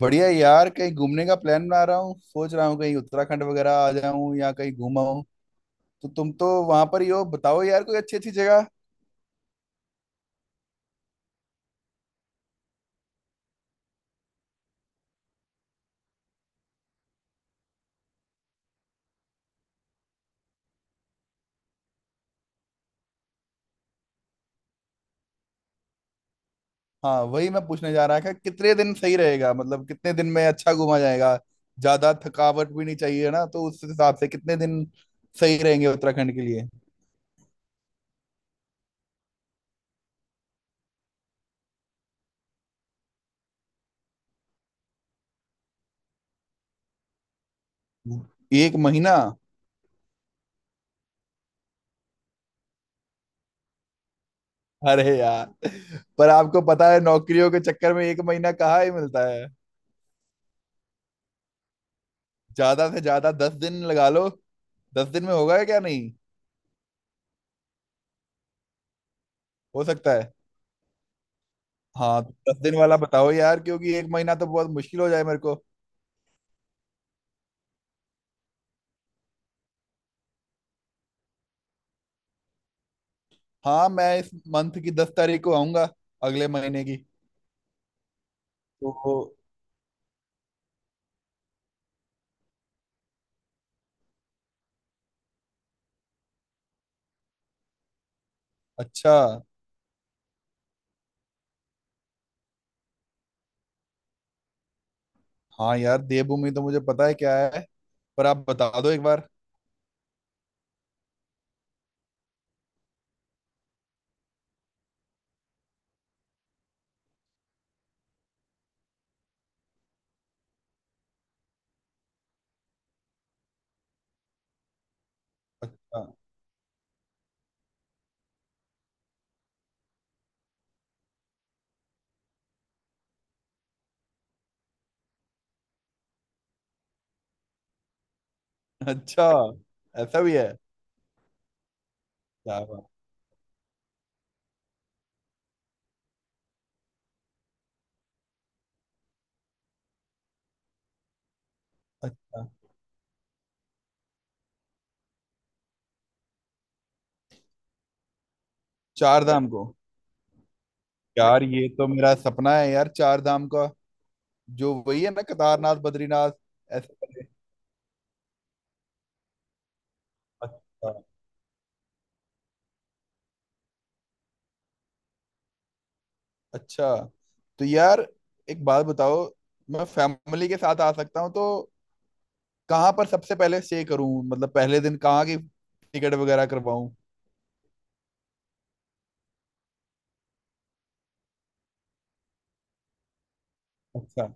बढ़िया यार। कहीं घूमने का प्लान बना रहा हूँ। सोच रहा हूँ कहीं उत्तराखंड वगैरह आ जाऊं या कहीं घूमा हूँ। तो तुम तो वहां पर ही हो, बताओ यार कोई अच्छी अच्छी जगह। हाँ, वही मैं पूछने जा रहा था। कितने दिन सही रहेगा, मतलब कितने दिन में अच्छा घूमा जाएगा। ज्यादा थकावट भी नहीं चाहिए ना, तो उस हिसाब से कितने दिन सही रहेंगे उत्तराखंड के लिए। एक महीना? अरे यार, पर आपको पता है नौकरियों के चक्कर में एक महीना कहाँ ही मिलता है। ज्यादा से ज्यादा 10 दिन लगा लो। 10 दिन में होगा क्या, नहीं हो सकता है? हाँ। 10 दिन वाला बताओ यार, क्योंकि एक महीना तो बहुत मुश्किल हो जाए मेरे को। हाँ, मैं इस मंथ की 10 तारीख को आऊंगा, अगले महीने की। तो। अच्छा। हाँ यार, देवभूमि तो मुझे पता है क्या है, पर आप बता दो एक बार। अच्छा। अच्छा। ऐसा भी है? क्या बात। अच्छा। चार धाम को? यार ये तो मेरा सपना है यार, चार धाम का। जो वही है ना, केदारनाथ बद्रीनाथ ऐसे वाले। अच्छा। अच्छा। तो यार एक बात बताओ, मैं फैमिली के साथ आ सकता हूँ, तो कहाँ पर सबसे पहले स्टे करूँ, मतलब पहले दिन कहाँ की टिकट वगैरह करवाऊँ। अच्छा।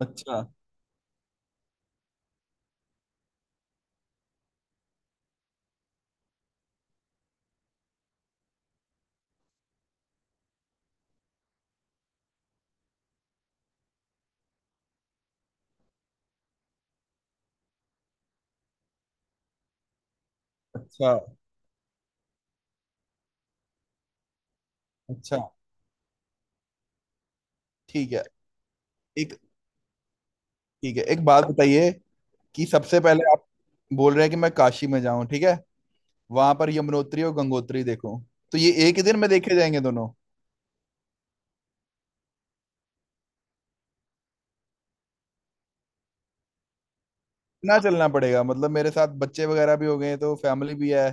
अच्छा। अच्छा। अच्छा। ठीक है। एक। ठीक है, एक बात बताइए कि सबसे पहले आप बोल रहे हैं कि मैं काशी में जाऊं, ठीक है। वहां पर यमुनोत्री और गंगोत्री देखूं, तो ये एक ही दिन में देखे जाएंगे दोनों? ना, चलना पड़ेगा मतलब मेरे साथ बच्चे वगैरह भी हो गए हैं, तो फैमिली भी है।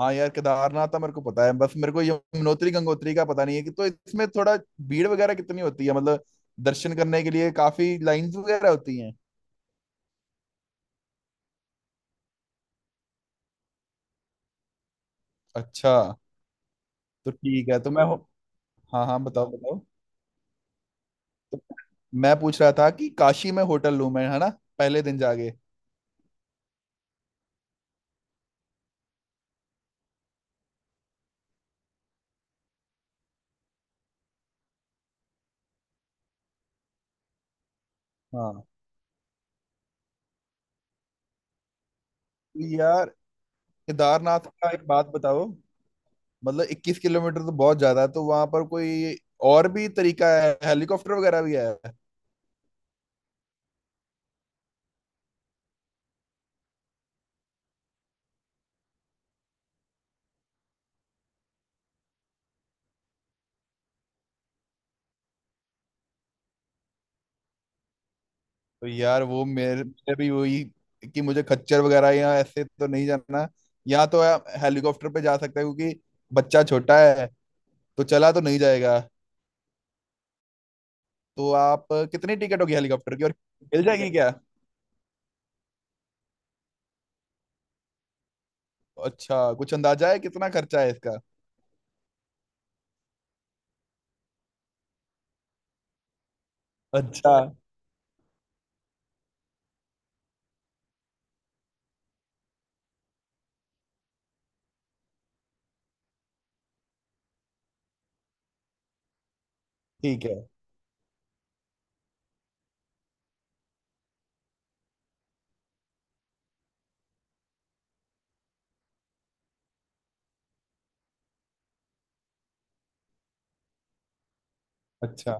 हाँ यार, केदारनाथ था मेरे को पता है बस, मेरे को यमुनोत्री गंगोत्री का पता नहीं है कि तो इसमें थोड़ा भीड़ वगैरह कितनी होती है, मतलब दर्शन करने के लिए काफी लाइंस वगैरह होती हैं। अच्छा। तो ठीक है, तो मैं हो- हाँ हाँ, बताओ बताओ। तो मैं पूछ रहा था कि काशी में होटल लूं मैं, है ना, पहले दिन जाके। हाँ। तो यार केदारनाथ का एक बात बताओ, मतलब 21 किलोमीटर तो बहुत ज्यादा है, तो वहां पर कोई और भी तरीका है, हेलीकॉप्टर वगैरह भी है? तो यार वो मेरे मेरे भी वही, कि मुझे खच्चर वगैरह या ऐसे तो नहीं जाना। यहाँ तो आप हेलीकॉप्टर पे जा सकते हो क्योंकि बच्चा छोटा है, तो चला तो नहीं जाएगा। तो आप कितनी टिकट होगी हेलीकॉप्टर की, और मिल ठीक है जाएगी क्या? अच्छा, कुछ अंदाजा है कितना खर्चा है इसका? अच्छा। ठीक है। अच्छा।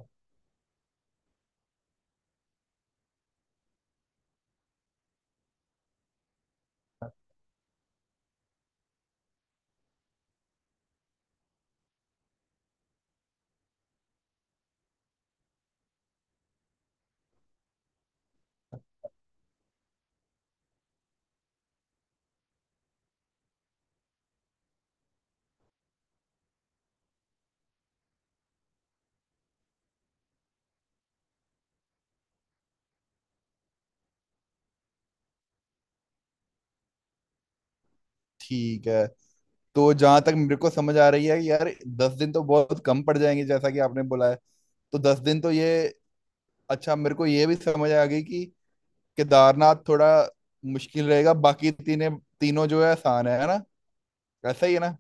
ठीक है। तो जहां तक मेरे को समझ आ रही है कि यार 10 दिन तो बहुत कम पड़ जाएंगे जैसा कि आपने बोला है। तो 10 दिन तो ये। अच्छा, मेरे को ये भी समझ आ गई कि केदारनाथ थोड़ा मुश्किल रहेगा, बाकी तीने तीनों जो है आसान है ना? ऐसा ही है ना?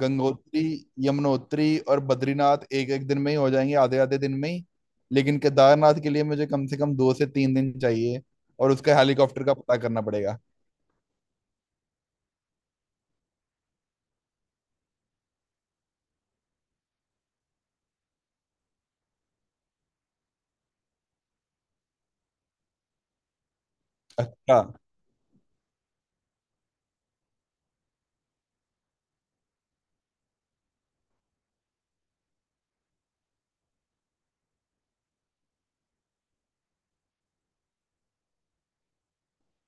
गंगोत्री, यमुनोत्री और बद्रीनाथ एक एक दिन में ही हो जाएंगे, आधे आधे दिन में ही। लेकिन केदारनाथ के लिए मुझे कम से कम 2 से 3 दिन चाहिए, और उसका हेलीकॉप्टर का पता करना पड़ेगा। अच्छा।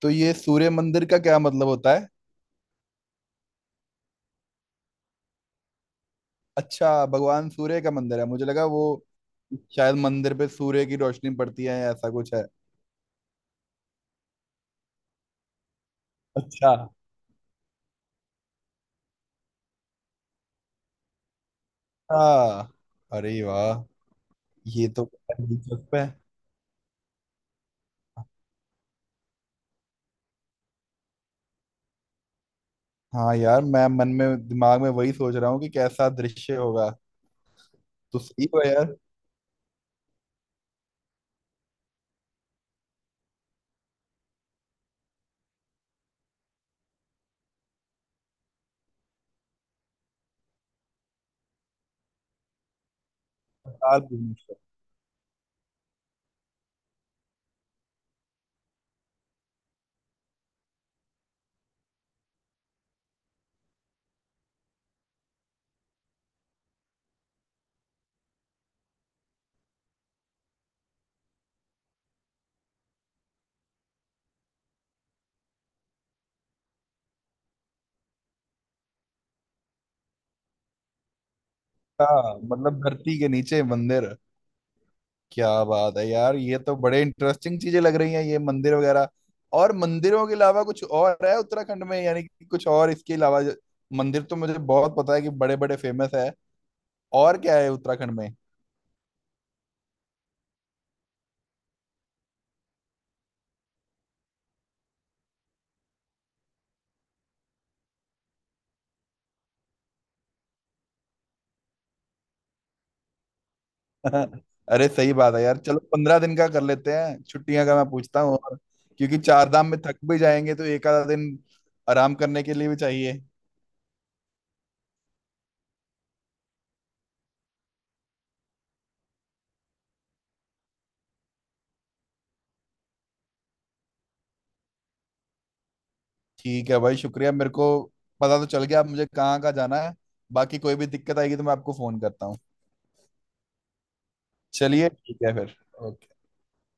तो ये सूर्य मंदिर का क्या मतलब होता है? अच्छा, भगवान सूर्य का मंदिर है, मुझे लगा वो शायद मंदिर पे सूर्य की रोशनी पड़ती है या ऐसा कुछ है। अच्छा। हाँ। अरे वाह। ये तो दिलचस्प है। हाँ यार, मैं मन में दिमाग में वही सोच रहा हूँ कि कैसा दृश्य होगा। तो सही हो यार। 4 दिन का? मतलब धरती के नीचे मंदिर? क्या बात है यार, ये तो बड़े इंटरेस्टिंग चीजें लग रही हैं ये मंदिर वगैरह। और मंदिरों के अलावा कुछ और है उत्तराखंड में, यानी कि कुछ और इसके अलावा जो- मंदिर तो मुझे बहुत पता है कि बड़े बड़े फेमस है। और क्या है उत्तराखंड में? अरे सही बात है यार, चलो 15 दिन का कर लेते हैं, छुट्टियां का मैं पूछता हूँ और, क्योंकि चार धाम में थक भी जाएंगे तो एक आधा दिन आराम करने के लिए भी चाहिए। ठीक है भाई, शुक्रिया। मेरे को पता तो चल गया अब मुझे कहाँ कहाँ जाना है। बाकी कोई भी दिक्कत आएगी तो मैं आपको फोन करता हूँ। चलिए ठीक है फिर। ओके।